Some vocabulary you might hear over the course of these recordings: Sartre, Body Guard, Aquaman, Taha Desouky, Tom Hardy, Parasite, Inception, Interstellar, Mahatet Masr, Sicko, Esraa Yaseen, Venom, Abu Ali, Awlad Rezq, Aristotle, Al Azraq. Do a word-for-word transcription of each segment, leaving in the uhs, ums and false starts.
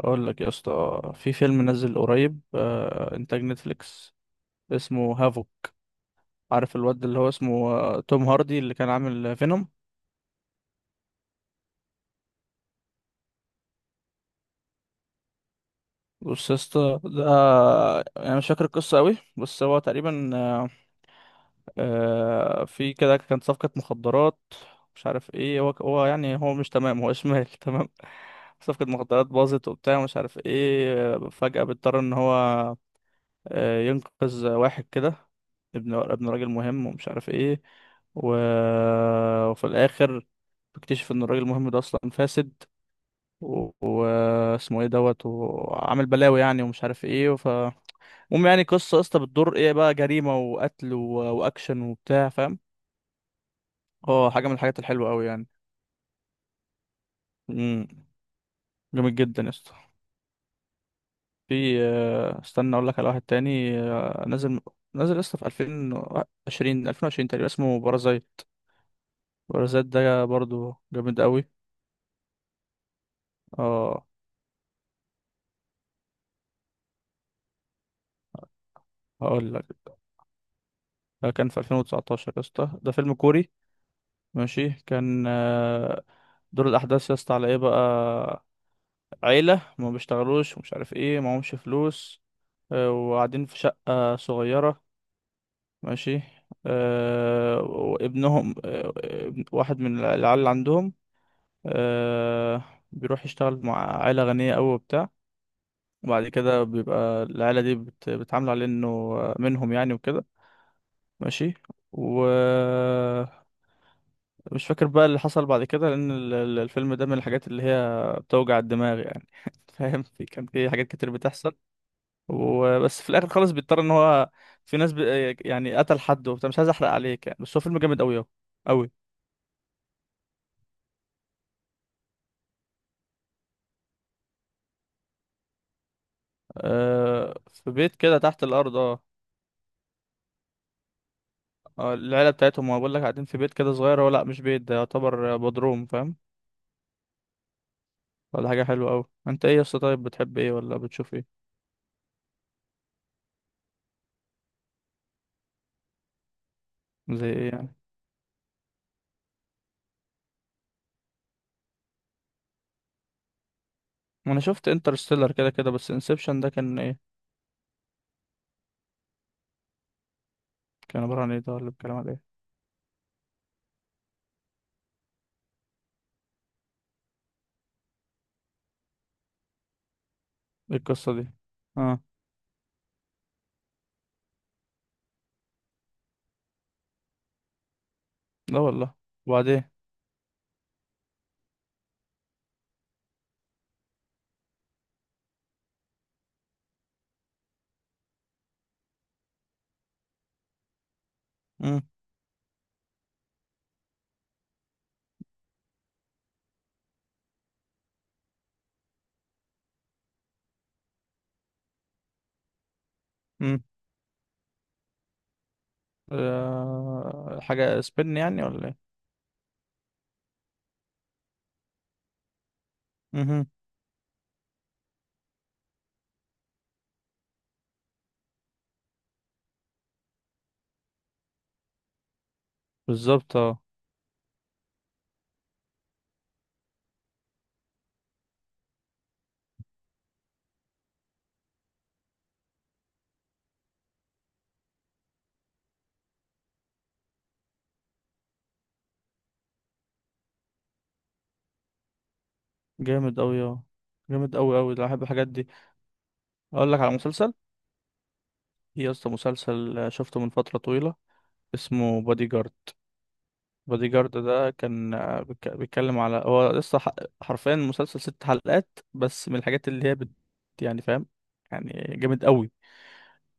اقول لك يا اسطى، في فيلم نزل قريب آه، انتاج نتفليكس اسمه هافو. عارف الواد اللي هو اسمه آه، توم هاردي اللي كان عامل فينوم. بص يا اسطى ده آه، انا مش فاكر القصه قوي، بس هو تقريبا آه، آه، في كده كانت صفقه مخدرات. مش عارف ايه هو هو يعني، هو مش تمام، هو شمال تمام. صفقه مخدرات باظت وبتاع مش عارف ايه، آه، فجاه بيضطر ان هو آه، ينقذ واحد كده، ابن ابن راجل مهم ومش عارف ايه و... وفي الاخر بيكتشف ان الراجل المهم ده اصلا فاسد و- واسمه ايه دوت وعامل بلاوي يعني ومش عارف ايه. ف المهم يعني، قصة قصة بتدور ايه بقى، جريمة وقتل و... واكشن وبتاع، فاهم. اه حاجة من الحاجات الحلوة قوي يعني. امم. جامد جدا يا اسطى. في آه، استنى اقول لك على واحد تاني، آه، نازل نازل لسه في ألفين وعشرين ألفين وعشرين تقريبا اسمه بارازايت. باراسات ده برضو جامد قوي. اه هقول لك، ده كان في ألفين وتسعتاشر يا اسطى، ده فيلم كوري ماشي كان آه، دور الاحداث يا اسطى على ايه بقى. عيله ما بيشتغلوش ومش عارف ايه معهمش فلوس، آه، وقاعدين في شقه صغيره ماشي. آه، وابنهم آه، ابن- واحد من العيال اللي عندهم، آه، بيروح يشتغل مع عيله غنيه قوي وبتاع. وبعد كده بيبقى العيله دي بت- بتعامله على انه منهم يعني وكده ماشي. ومش فاكر بقى اللي حصل بعد كده لأن ال- ال- الفيلم ده من الحاجات اللي هي بتوجع الدماغ يعني. فاهم، في كان في حاجات كتير بتحصل. وبس في الآخر خالص بيضطر إن هو في ناس ب... يعني قتل حد وبتاع، مش عايز أحرق عليك يعني، بس هو فيلم جامد أوي أهو، أوي. أه، في بيت كده تحت الأرض اه. آه، العيلة بتاعتهم ما بقول لك قاعدين في بيت كده صغير، هو لأ مش بيت ده يعتبر بدروم فاهم. ولا حاجة حلوة أوي. أنت إيه يا اسطى؟ طيب بتحب إيه ولا بتشوف إيه؟ زي إيه يعني؟ ما انا شفت انترستيلر كده كده، بس انسبشن ده كان ايه؟ كان عبارة عن ايه ده، ولا بيتكلم عن ايه؟ ايه القصة دي؟ اه. لا والله. وبعدين؟ امم. امم. آه حاجة سبين يعني ولا ايه؟ امم. بالظبط اه. جامد اوي اه. جامد اوي اوي، ده بحب الحاجات دي. اقول لك على مسلسل. في يا اسطى مسلسل آه، شفته من فترة طويلة، اسمه بادي جارد. بادي جارد ده كان آه، بيتك- بيتكلم على هو لسه ح- حرفيا مسلسل ست حلقات بس، من الحاجات اللي هي بت... يعني فاهم، يعني جامد قوي.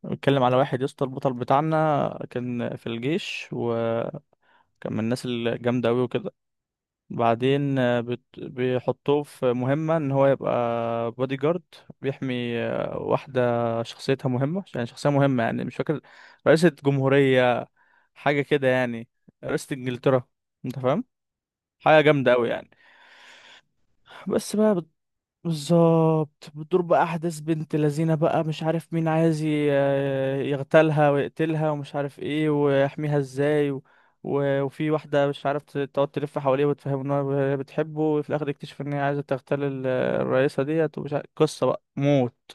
بتكلم على واحد يا اسطى، البطل بتاعنا كان في الجيش وكان من الناس الجامدة أوي وكده. بعدين آه، بت... بيحطوه في مهمة إن هو يبقى بودي جارد، بيحمي آه، واحدة شخصيتها مهمة يعني، شخصية مهمة يعني، مش فاكر، رئيسة جمهورية حاجة كده يعني، رئيسة إنجلترا. أنت فاهم؟ حاجة جامدة أوي يعني. بس بقى، بالظبط بتدور بقى احداث بنت لذينه بقى مش عارف مين عايز ي- يغتالها ويقتلها ومش عارف ايه ويحميها ازاي و... و... وفي واحده مش عارف ت- تقعد تلف حواليه وتفهمه ان هو- هي بتحبه، وفي الاخر يكتشف ان هي عايزه تغتال ال- الرئيسه ديت ومش عارف قصه بقى موت.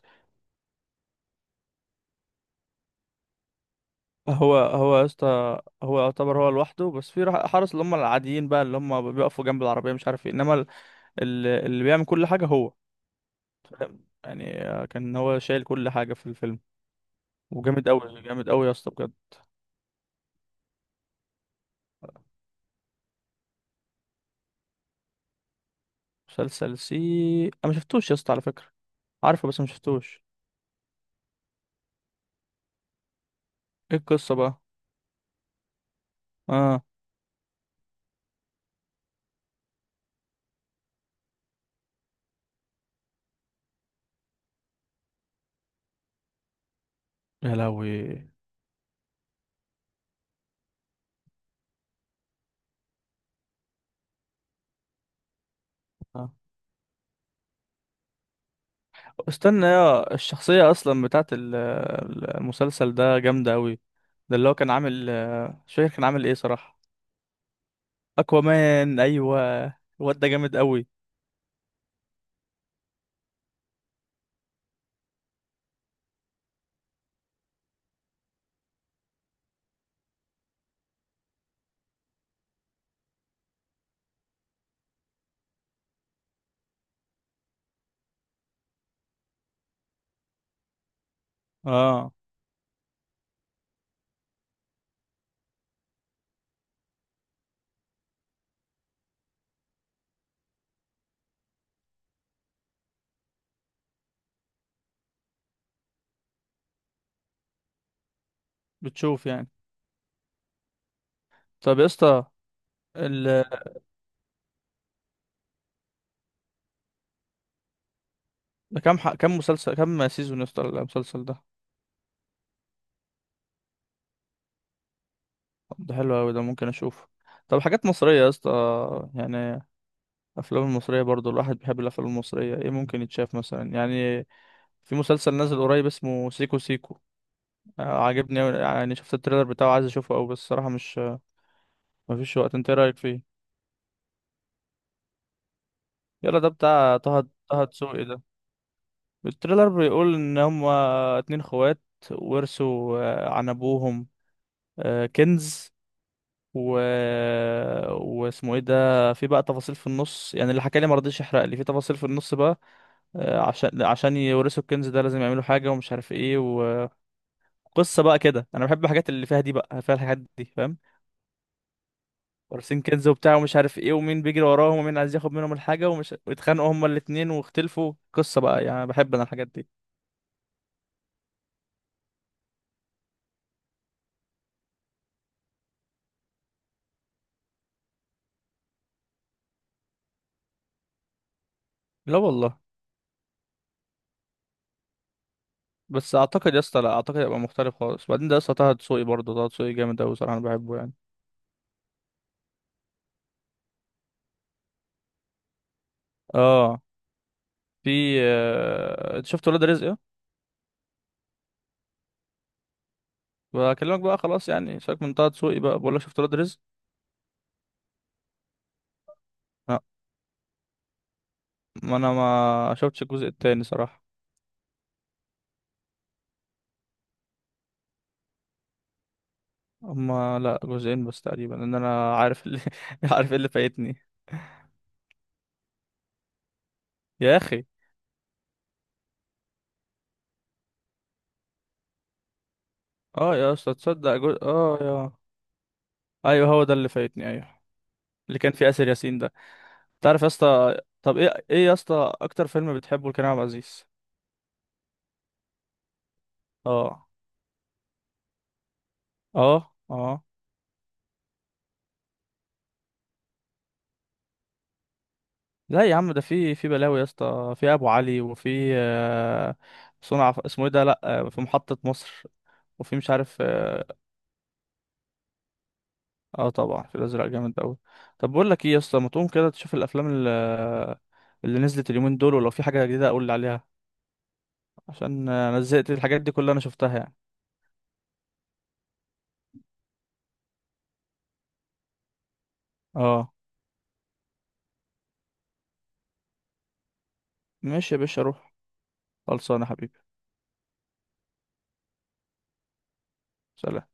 هو هو يا اسطى هو يعتبر هو لوحده، بس في رح- حرس اللي هم العاديين بقى اللي هم بيقفوا جنب العربيه مش عارف ايه، انما ال- ال- اللي بيعمل كل حاجه هو. فاهم؟ يعني كان هو شايل كل حاجه في الفيلم. وجامد قوي جامد قوي يا اسطى بجد. مسلسل سي. انا ما شفتوش يا اسطى على فكره، عارفه بس ما شفتوش. ايه القصه بقى؟ اه. يا لهوي. آه. استنى، يا الشخصيه اصلا بتاعت ال- ال- المسلسل ده جامده قوي. ده اللي هو كان عامل آه، مش فاكر كان عامل ايه صراحه. اكوامان ايوه. الواد ده جامد قوي. اه. بتشوف يعني. طب يا اسطى ال... ده كام ح... كام مسلسل، كام سيزون يا اسطى المسلسل ده؟ ده حلو قوي، ده ممكن اشوفه. طب حاجات مصريه يا اسطى يعني، الافلام المصريه برضو الواحد بيحب الافلام المصريه، ايه ممكن يتشاف مثلا يعني؟ في مسلسل نازل قريب اسمه سيكو سيكو، آه، عاجبني أوي، يعني شفت التريلر بتاعه عايز اشوفه أوي، بس الصراحه مش مفيش وقت. انت ايه رايك فيه؟ يلا ده بتاع طه طه دسوقي ده. التريلر بيقول ان هما اتنين اخوات ورثوا آه، عن ابوهم آه، كنز و... واسمه ايه ده، في بقى تفاصيل في النص يعني، اللي حكى لي ما رضيش يحرق لي في تفاصيل في النص بقى. آه، عشان عشان يورثوا الكنز ده لازم يعملوا حاجة ومش عارف ايه، قصه بقى كده. انا بحب الحاجات اللي فيها دي بقى فيها الحاجات دي فاهم. وارسين كنز وبتاع ومش عارف ايه، ومين بيجري وراهم ومين عايز ياخد منهم الحاجه ومش، واتخانقوا هما الاتنين واختلفوا، قصه بقى يعني، بحب انا الحاجات دي. لا والله. بس اعتقد يا اسطى، لا اعتقد هيبقى مختلف خالص. بعدين ده يا اسطى طه دسوقي، برضه طه دسوقي جامد اوي صراحه انا بحبه يعني. اه. في آه، انت شفت ولاد رزق؟ اه. بكلمك بقى خلاص يعني، سيبك من طه دسوقي بقى، بقول لك شفت ولاد رزق. لا، ما انا ما شفتش الجزء التاني صراحه. هما لا جزئين بس تقريبا ان انا عارف اللي عارف ايه اللي فايتني. يا اخي اه يا اسطى تصدق، جزء اه يا، ايوه هو ده اللي فايتني ايوه. اللي كان فيه اسر ياسين ده، تعرف يا اسطى. طب ايه ايه يا اسطى اكتر فيلم بتحبه لكريم عبد العزيز؟ اه اه. اه لا يا عم ده في في بلاوي يا اسطى، في ابو علي وفي آه، صنع اسمه ايه ده لا آه، في محطة مصر. وفي مش عارف آه، اه طبعا في الازرق جامد قوي. طب بقول لك ايه يا اسطى، ما تقوم كده تشوف الافلام اللي, اللي نزلت اليومين دول ولو في حاجه جديده اقول لي عليها، عشان انا زهقت الحاجات دي كلها انا شفتها يعني. اه. ماشي يا باشا روح. خلصانه يا حبيبي. سلام.